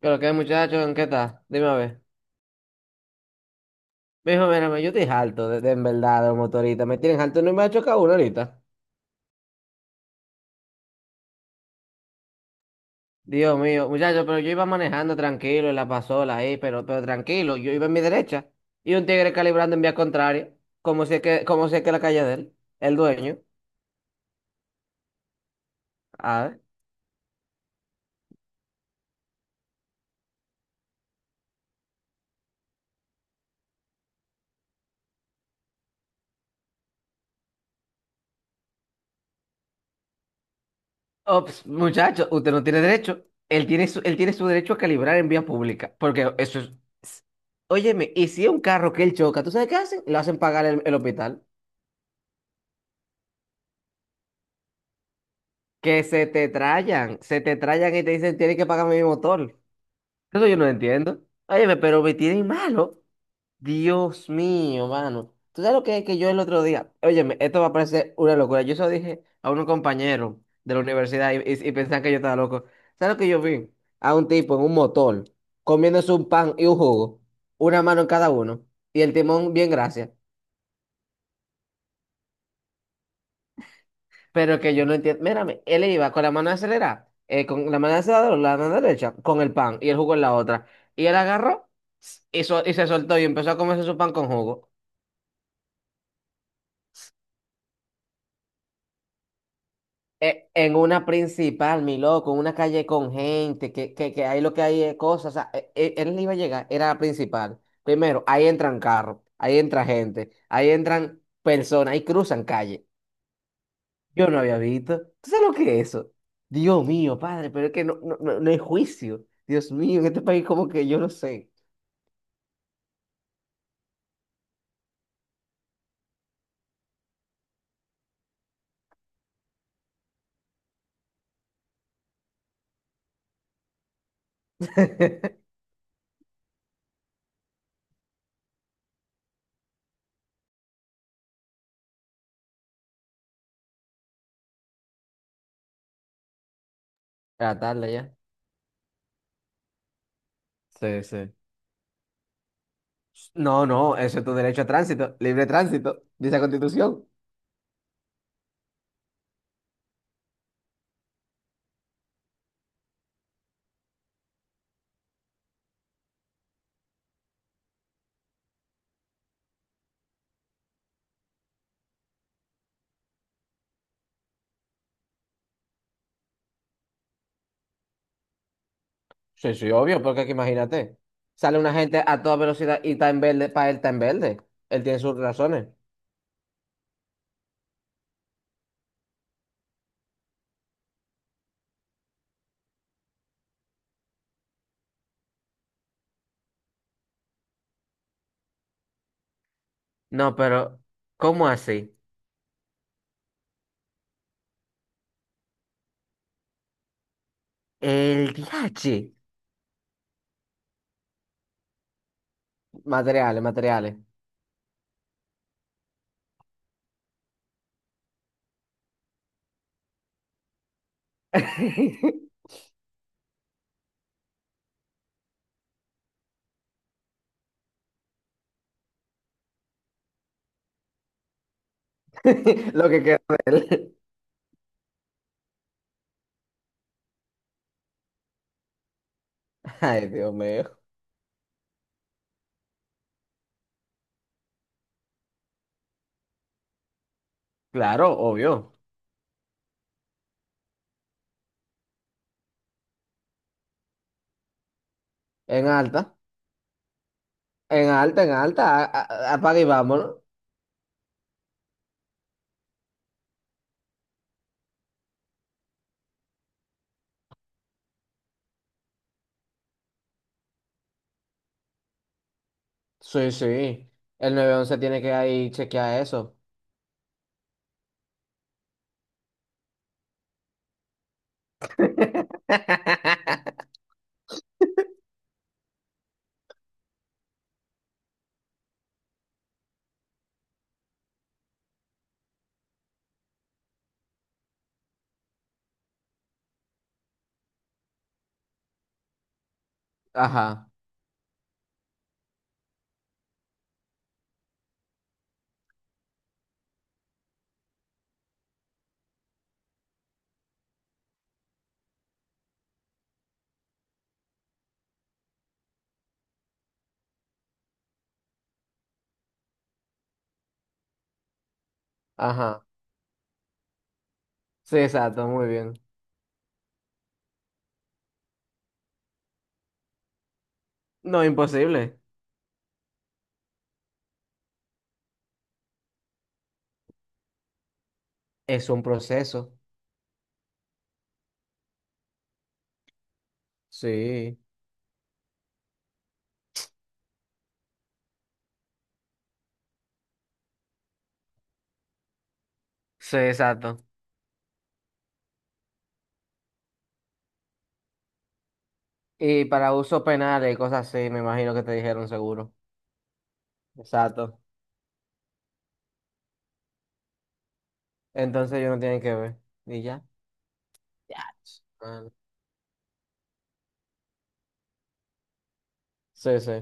Pero que muchachos, ¿en qué estás? Dime a ver. Mijo, mírame, yo estoy harto, en verdad, de los motoristas. Me tienen harto, no me ha chocado uno ahorita. Dios mío, muchachos, pero yo iba manejando tranquilo en la pasola ahí, pero tranquilo, yo iba en mi derecha. Y un tigre calibrando en vía contraria, como si es que la calle de él, el dueño. A ver. Ops, muchachos, usted no tiene derecho. Él tiene su derecho a calibrar en vía pública, porque eso es... Óyeme, y si es un carro que él choca, ¿tú sabes qué hacen? Lo hacen pagar el hospital. Que se te trayan y te dicen tienes que pagarme mi motor. Eso yo no entiendo. Óyeme, pero me tienen malo. Dios mío, mano. ¿Tú sabes lo que es que yo el otro día? Óyeme, esto va a parecer una locura. Yo eso dije a un compañero de la universidad y pensaban que yo estaba loco. ¿Sabes lo que yo vi? A un tipo en un motor comiéndose un pan y un jugo, una mano en cada uno, y el timón bien gracias. Pero que yo no entiendo. Mírame, él iba con la mano acelerada, con la mano acelerada, la mano derecha, con el pan y el jugo en la otra. Y él agarró y se soltó y empezó a comerse su pan con jugo. En una principal, mi loco, en una calle con gente, que ahí lo que hay es cosas. O sea, él iba a llegar, era la principal. Primero, ahí entran carros, ahí entra gente, ahí entran personas, ahí cruzan calle. Yo no había visto. ¿Tú sabes lo que es eso? Dios mío, padre, pero es que no hay juicio. Dios mío, en este país como que yo no sé. A tarde ya. Sí, sí. No, no, eso es tu derecho a tránsito, libre tránsito, dice la Constitución. Sí, sí, obvio, porque aquí imagínate. Sale una gente a toda velocidad y está en verde, para él está en verde. Él tiene sus razones. No, pero, ¿cómo así? El DH. Materiales, materiales. Lo que queda de él. Ay, Dios mío. Claro, obvio. En alta, en alta. Apaga y vámonos. Sí, sí. El 911 tiene que ahí chequear eso. Ajá, ajá. Sí, exacto, muy bien. No, imposible. Es un proceso. Sí. Sí, exacto. Y para usos penales y cosas así, me imagino que te dijeron seguro. Exacto. Entonces ellos no tienen que ver. ¿Y ya? Ya. Man. Sí, sí.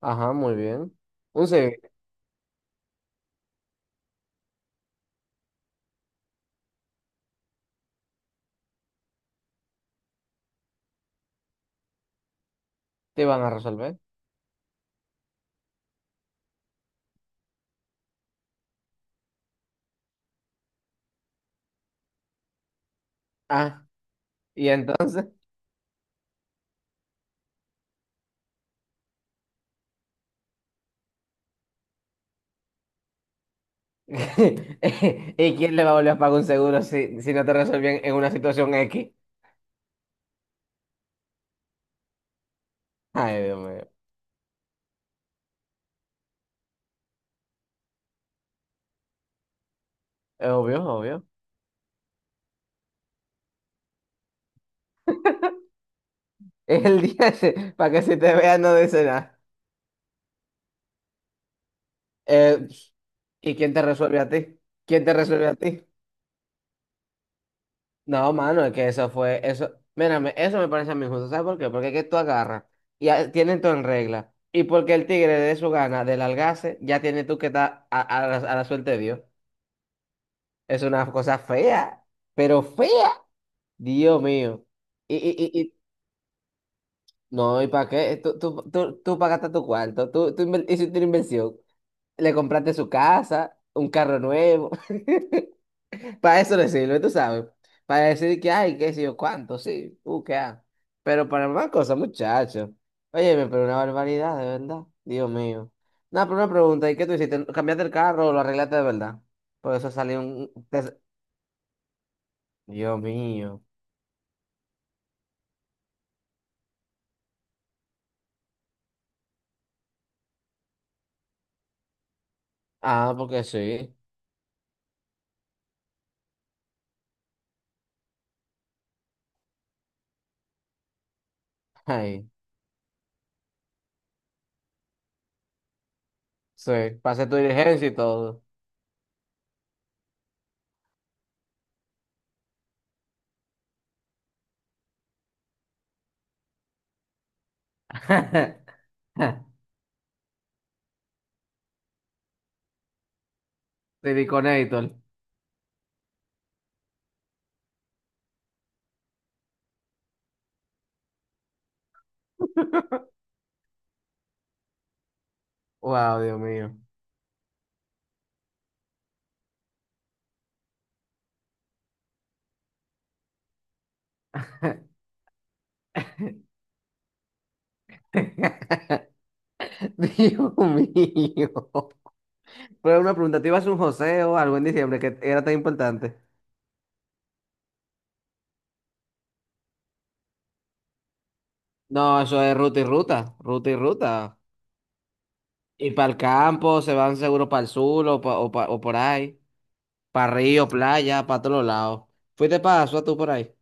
Ajá, muy bien. Un civil. Te van a resolver. Ah. Y entonces, ¿y quién le va a volver a pagar un seguro si, si no te resuelven en una situación X? Ay, Dios mío. Es obvio, obvio. Es el día ese, para que si te vean no dice nada. Eh, ¿Y quién te resuelve a ti? ¿Quién te resuelve a ti? No, mano, es que eso fue, eso, mírame, eso me parece a mí injusto. ¿Sabes por qué? Porque es que tú agarras tienen todo en regla. Y porque el tigre de su gana, del algace, ya tiene tú que estar a la suerte de Dios. Es una cosa fea, pero fea. Dios mío. Y, y, y, y- no, ¿y para qué? Tú pagaste tu cuarto, hiciste una inversión, le compraste su casa, un carro nuevo, para eso le sirve, tú sabes, para decir que, ay, qué sé yo, cuánto, sí, qué ah. Pero para más cosas, muchacho. Oye, pero una barbaridad, de verdad, Dios mío. No, pero una pregunta, ¿y qué tú hiciste? ¿Cambiaste el carro o lo arreglaste de verdad? Por eso salió Dios mío. Ah, porque sí. Ay, sí, pasé tu diligencia y todo. Siliconator. Wow, Dios mío. Dios mío. Pero una pregunta, ¿te ibas a un joseo algo en diciembre que era tan importante? No, eso es ruta y ruta, ruta y ruta. Y para el campo, se van seguro para el sur o, o por ahí. Para río, playa, para todos lados. ¿Fuiste para Azua tú por ahí?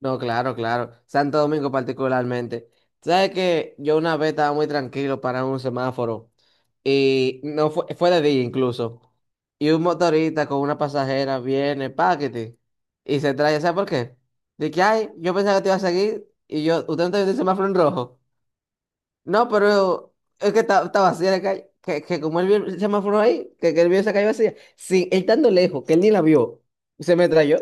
No, claro, claro. Santo Domingo particularmente. Tú, ¿sabes que yo una vez estaba muy tranquilo para un semáforo y no fue, fue de día incluso. Y un motorista con una pasajera viene, paquete, y se trae, ¿sabes por qué? De que, ay, yo pensaba que te iba a seguir y yo, ¿usted no te vio el semáforo en rojo? No, pero es que está vacía la calle, que como él vio el semáforo ahí, que él vio esa calle vacía, sí, él estando lejos, que él ni la vio, se me trayó.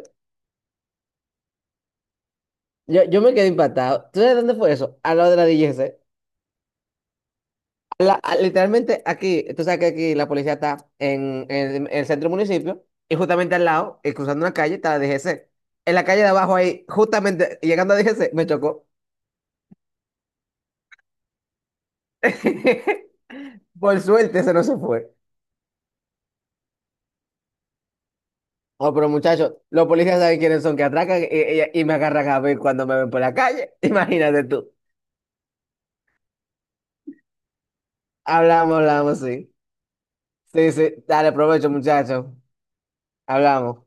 Yo me quedé impactado. ¿Tú sabes dónde fue eso? Al lado de la DGC. Literalmente aquí, tú sabes que aquí la policía está en el centro del municipio y justamente al lado, cruzando una calle, está la DGC. En la calle de abajo ahí, justamente llegando a DGC, me chocó. Por suerte, ese no se fue. Oh, pero muchachos, los policías saben quiénes son que atracan y, y me agarran a ver cuando me ven por la calle. Imagínate tú. Hablamos, hablamos, sí. Sí, sí. Dale, provecho, muchachos. Hablamos.